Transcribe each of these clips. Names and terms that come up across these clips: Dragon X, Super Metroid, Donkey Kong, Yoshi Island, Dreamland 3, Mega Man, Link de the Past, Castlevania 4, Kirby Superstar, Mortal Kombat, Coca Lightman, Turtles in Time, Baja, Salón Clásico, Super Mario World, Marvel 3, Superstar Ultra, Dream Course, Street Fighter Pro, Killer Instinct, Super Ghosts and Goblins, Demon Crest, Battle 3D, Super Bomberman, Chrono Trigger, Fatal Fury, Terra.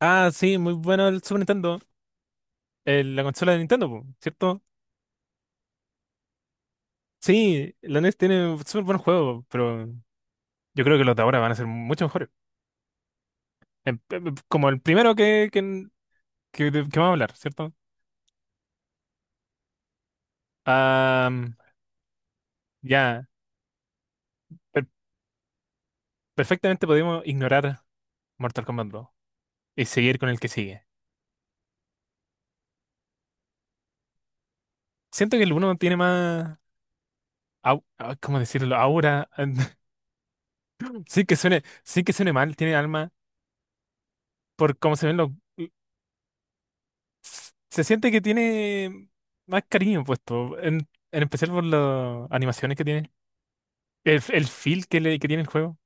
Ah, sí, muy bueno el Super Nintendo. La consola de Nintendo, po, ¿cierto? Sí, la NES tiene súper buenos juegos, pero yo creo que los de ahora van a ser mucho mejores. Como el primero que vamos a hablar, ¿cierto? Ah, ya, per- perfectamente podemos ignorar Mortal Kombat 2 y seguir con el que sigue. Siento que el uno tiene más, ¿cómo decirlo? Aura. Sí que suene mal, tiene alma por cómo se ven los, se siente que tiene más cariño puesto, en especial por las animaciones que tiene, el feel que tiene el juego.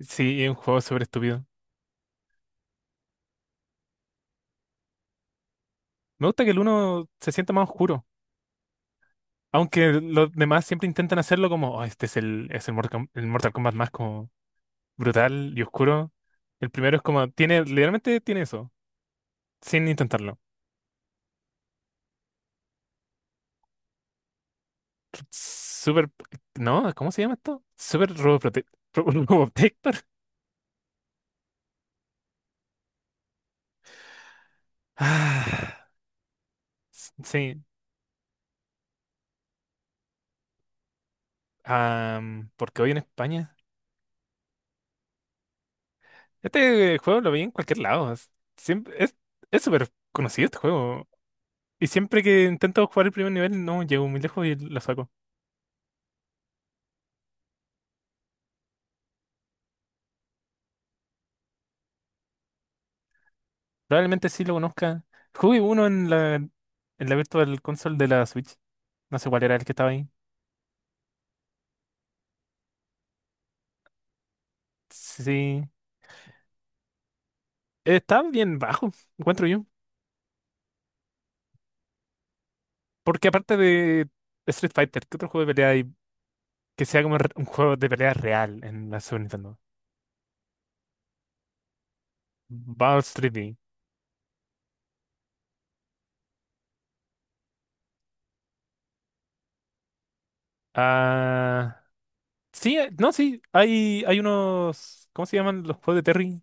Sí, es un juego súper estúpido. Me gusta que el uno se sienta más oscuro, aunque los demás siempre intentan hacerlo como, "Oh, este es es el Mortal Kombat más como brutal y oscuro." El primero es como, tiene, literalmente tiene eso, sin intentarlo. Súper, no, ¿cómo se llama esto? Súper Robotector. Ah, sí, porque hoy en España. Este juego lo vi en cualquier lado. Siempre, es súper conocido este juego. Y siempre que intento jugar el primer nivel, no llego muy lejos y lo saco. Probablemente sí lo conozca. Jugué uno en en la Virtual Console de la Switch. No sé cuál era el que estaba ahí. Sí, sí. Está bien bajo, encuentro yo. Porque aparte de Street Fighter, ¿qué otro juego de pelea hay que sea como un juego de pelea real en la Super Nintendo? Battle 3D. Sí, no, sí, hay unos. ¿Cómo se llaman los juegos de Terry?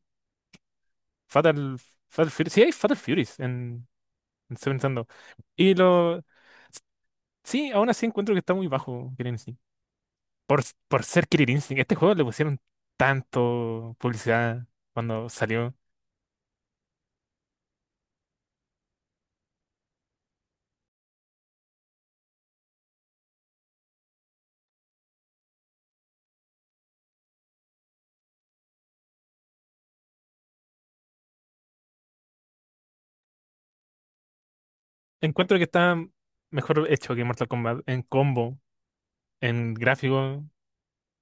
Fatal, Fatal Fury, sí, hay Fatal Furies en Super Nintendo. Y lo, sí, aún así encuentro que está muy bajo Killer Instinct. Por ser Killer Instinct, este juego le pusieron tanto publicidad cuando salió. Encuentro que está mejor hecho que Mortal Kombat en combo, en gráfico,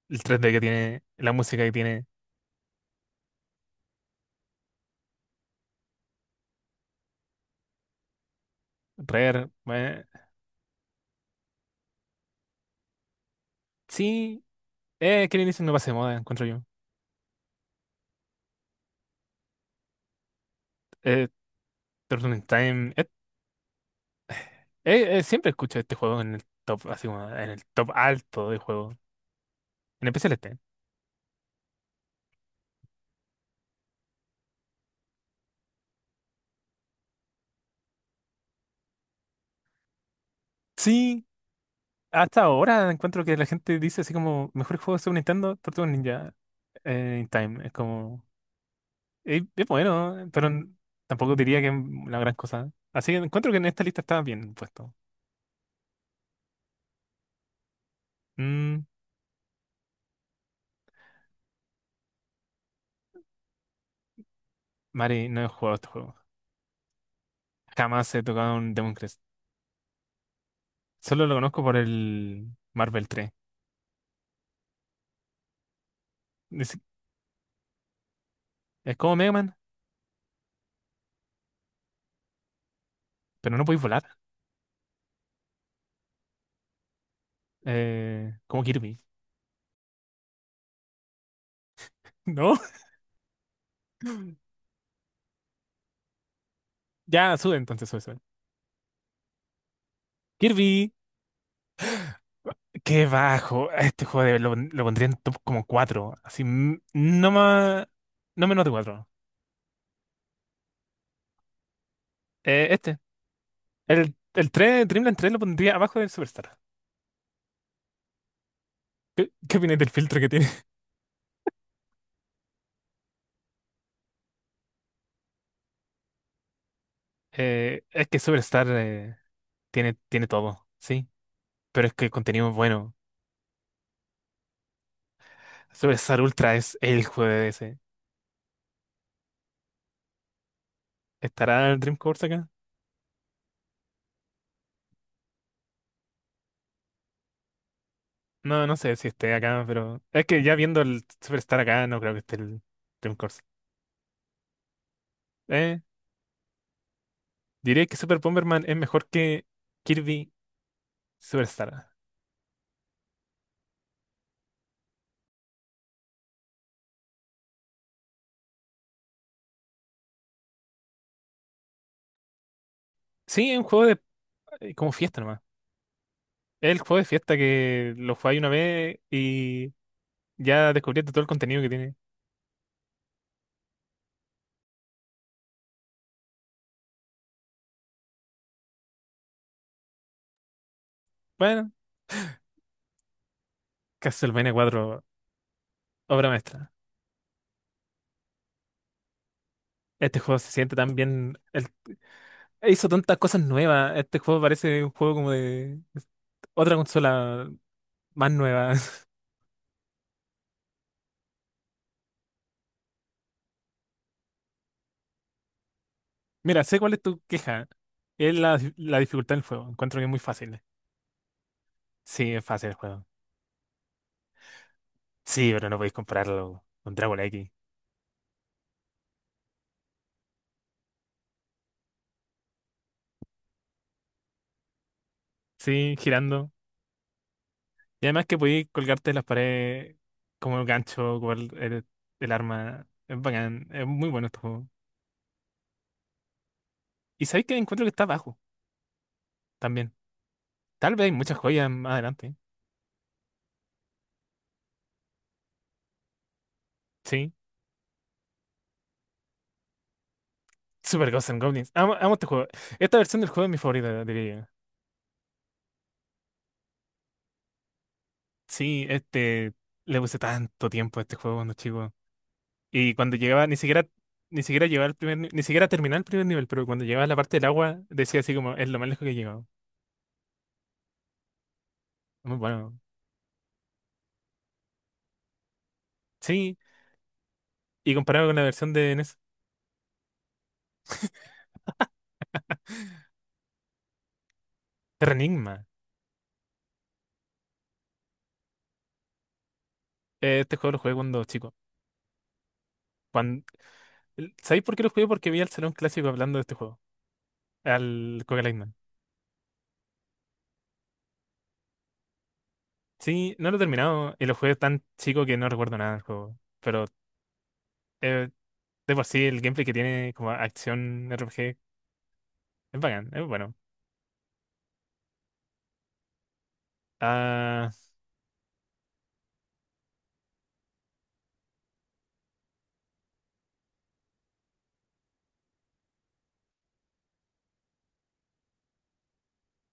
el 3D que tiene, la música que tiene. Rare, bueno, sí, Killer Instinct no pasa de moda, encuentro yo. Eh, Turtles in Time. Siempre escucho este juego en el top, así como en el top alto de juego. En especial este. Sí, hasta ahora encuentro que la gente dice así como mejor juego de Super Nintendo, Turtles Ninja in Time. Es como. Bueno, pero tampoco diría que es la gran cosa. Así que encuentro que en esta lista está bien puesto. Mm. Mari, no he jugado este juego. Jamás he tocado un Demon Crest. Solo lo conozco por el Marvel 3. Es, es como Mega Man, pero no podéis volar. Como Kirby. No. Ya, sube entonces, sube, sube. Kirby, qué bajo. Este juego lo pondría en top como 4. Así, mm, no más, no menos de 4. Este, el 3, Dreamland 3 lo pondría abajo del Superstar. ¿Qué opináis del filtro que tiene? Es que Superstar tiene todo, sí. Pero es que el contenido es bueno. Superstar Ultra es el juego de ese. ¿Estará el Dream Course acá? No, no sé si esté acá, pero es que ya viendo el Superstar acá, no creo que esté el Dream Course. Diré que Super Bomberman es mejor que Kirby Superstar. Sí, es un juego de como fiesta nomás. Es el juego de fiesta que lo jugáis una vez y ya descubriste todo el contenido que tiene. Bueno, Castlevania 4, obra maestra. Este juego se siente tan bien. Hizo tantas cosas nuevas. Este juego parece un juego como de otra consola más nueva. Mira, sé cuál es tu queja. Es la dificultad del juego. Encuentro que es muy fácil. Sí, es fácil el juego. Sí, pero no podéis compararlo con Dragon X. Sí, girando. Y además que podías colgarte de las paredes como el gancho, como el arma. Es bacán, es muy bueno este juego. Y sabéis que encuentro que está bajo también. Tal vez hay muchas joyas más adelante. Sí, Super Ghosts and Goblins. Amo, amo este juego. Esta versión del juego es mi favorita, diría yo. Sí, este. Le puse tanto tiempo a este juego cuando chico. Y cuando llegaba, ni siquiera. Ni siquiera llegaba al primer, ni siquiera terminaba el primer nivel, pero cuando llegaba a la parte del agua, decía así como, es lo más lejos que he llegado. Muy bueno. Sí, y comparado con la versión de NES. Terra. Este juego lo jugué cuando chico. Cuando... ¿Sabéis por qué lo jugué? Porque vi al Salón Clásico hablando de este juego. Al Coca Lightman. Sí, no lo he terminado y lo jugué tan chico que no recuerdo nada del juego. Pero eh, de por sí el gameplay que tiene como acción RPG es bacán, es bueno. Ah,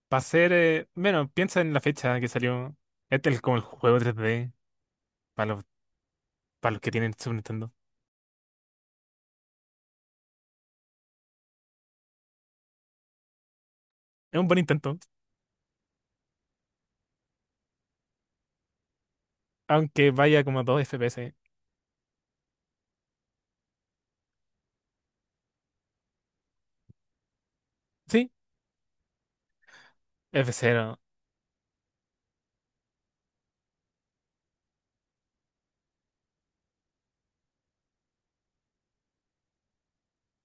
para ser... bueno, piensa en la fecha que salió. Este es como el juego 3D para los que tienen Super Nintendo. Es un buen intento, aunque vaya como a 2 FPS. Sí, F0.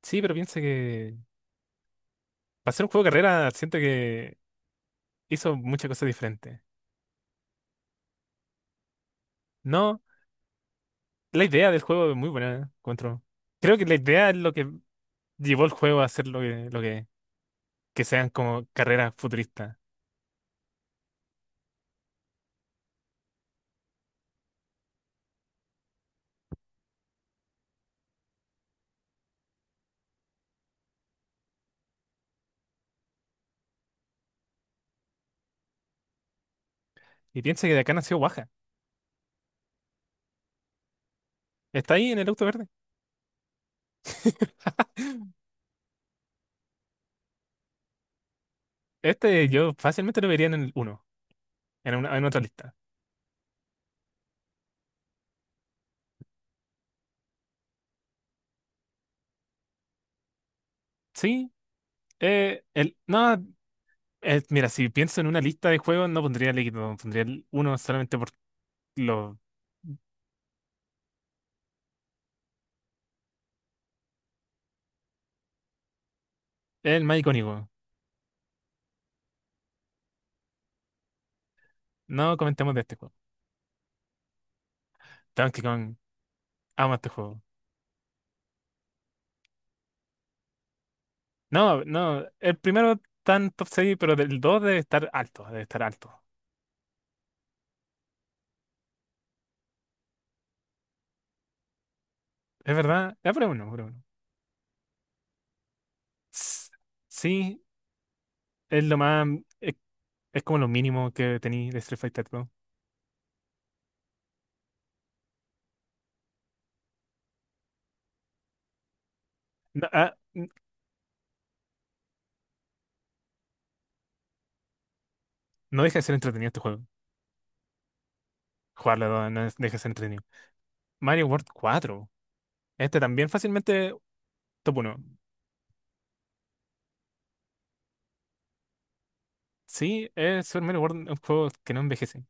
Sí, pero piensa que para ser un juego de carrera, siento que hizo muchas cosas diferentes. No, la idea del juego es muy buena, encuentro. Creo que la idea es lo que llevó el juego a ser lo que, que sean como carreras futuristas. Y piensa que de acá nació Baja. Está ahí en el auto verde. Este yo fácilmente lo vería en el uno en otra lista. Sí, el, no, mira, si pienso en una lista de juegos, no pondría el Equipo, pondría el uno solamente lo, es el más icónico. No comentemos de este juego. Donkey Kong, amo este juego. No, no, el primero está en top 6, pero del 2 debe estar alto, debe estar alto. Es verdad, ya, pero bueno, pero bueno. S- Sí, es lo más, es, es como lo mínimo que tenéis de Street Fighter Pro. No, ah, no deja de ser entretenido este juego. Jugarlo no, deja de ser entretenido. Mario World 4. Este también fácilmente top uno. Sí, es Super Mario World, un juego que no envejece.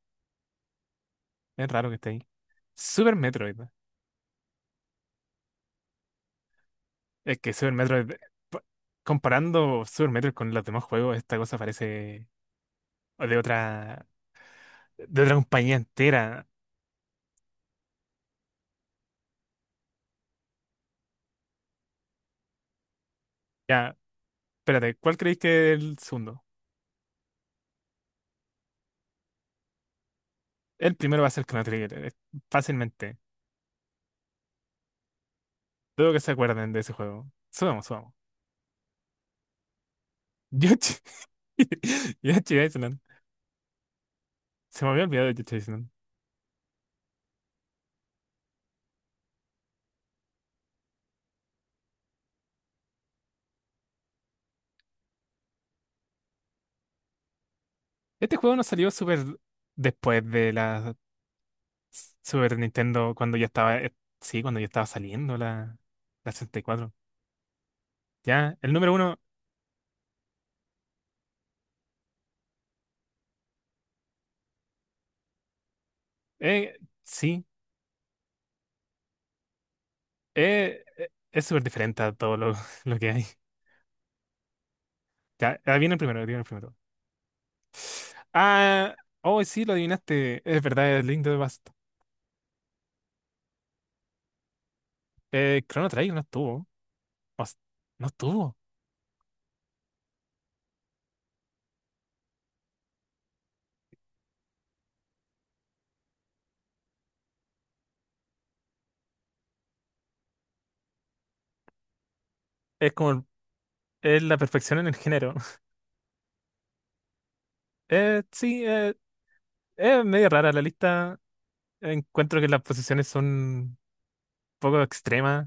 Es raro que esté ahí. Super Metroid, es que Super Metroid, pa- comparando Super Metroid con los demás juegos, esta cosa parece. O de otra, compañía entera. Ya, espérate, ¿cuál creéis que es el segundo? El primero va a ser Chrono Trigger, fácilmente. Dudo que se acuerden de ese juego. Subamos, subamos. Yoshi, Yoshi Island. Se me había olvidado de Yoshi Island. Este juego no salió súper después de la Super Nintendo, cuando ya estaba, sí, cuando ya estaba saliendo la 64. Ya, el número uno, eh, sí, es súper diferente a todo lo, lo que hay. Ya, ah, viene el primero, viene el primero. Ah, oh, sí, lo adivinaste. Es verdad, es Link de the Past. Chrono Trigger no estuvo. O s- no estuvo. Es como es la perfección en el género. Sí, es medio rara la lista. Encuentro que las posiciones son un poco extremas.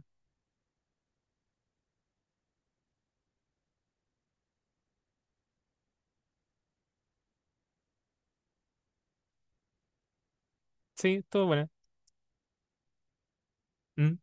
Sí, estuvo buena. Mm.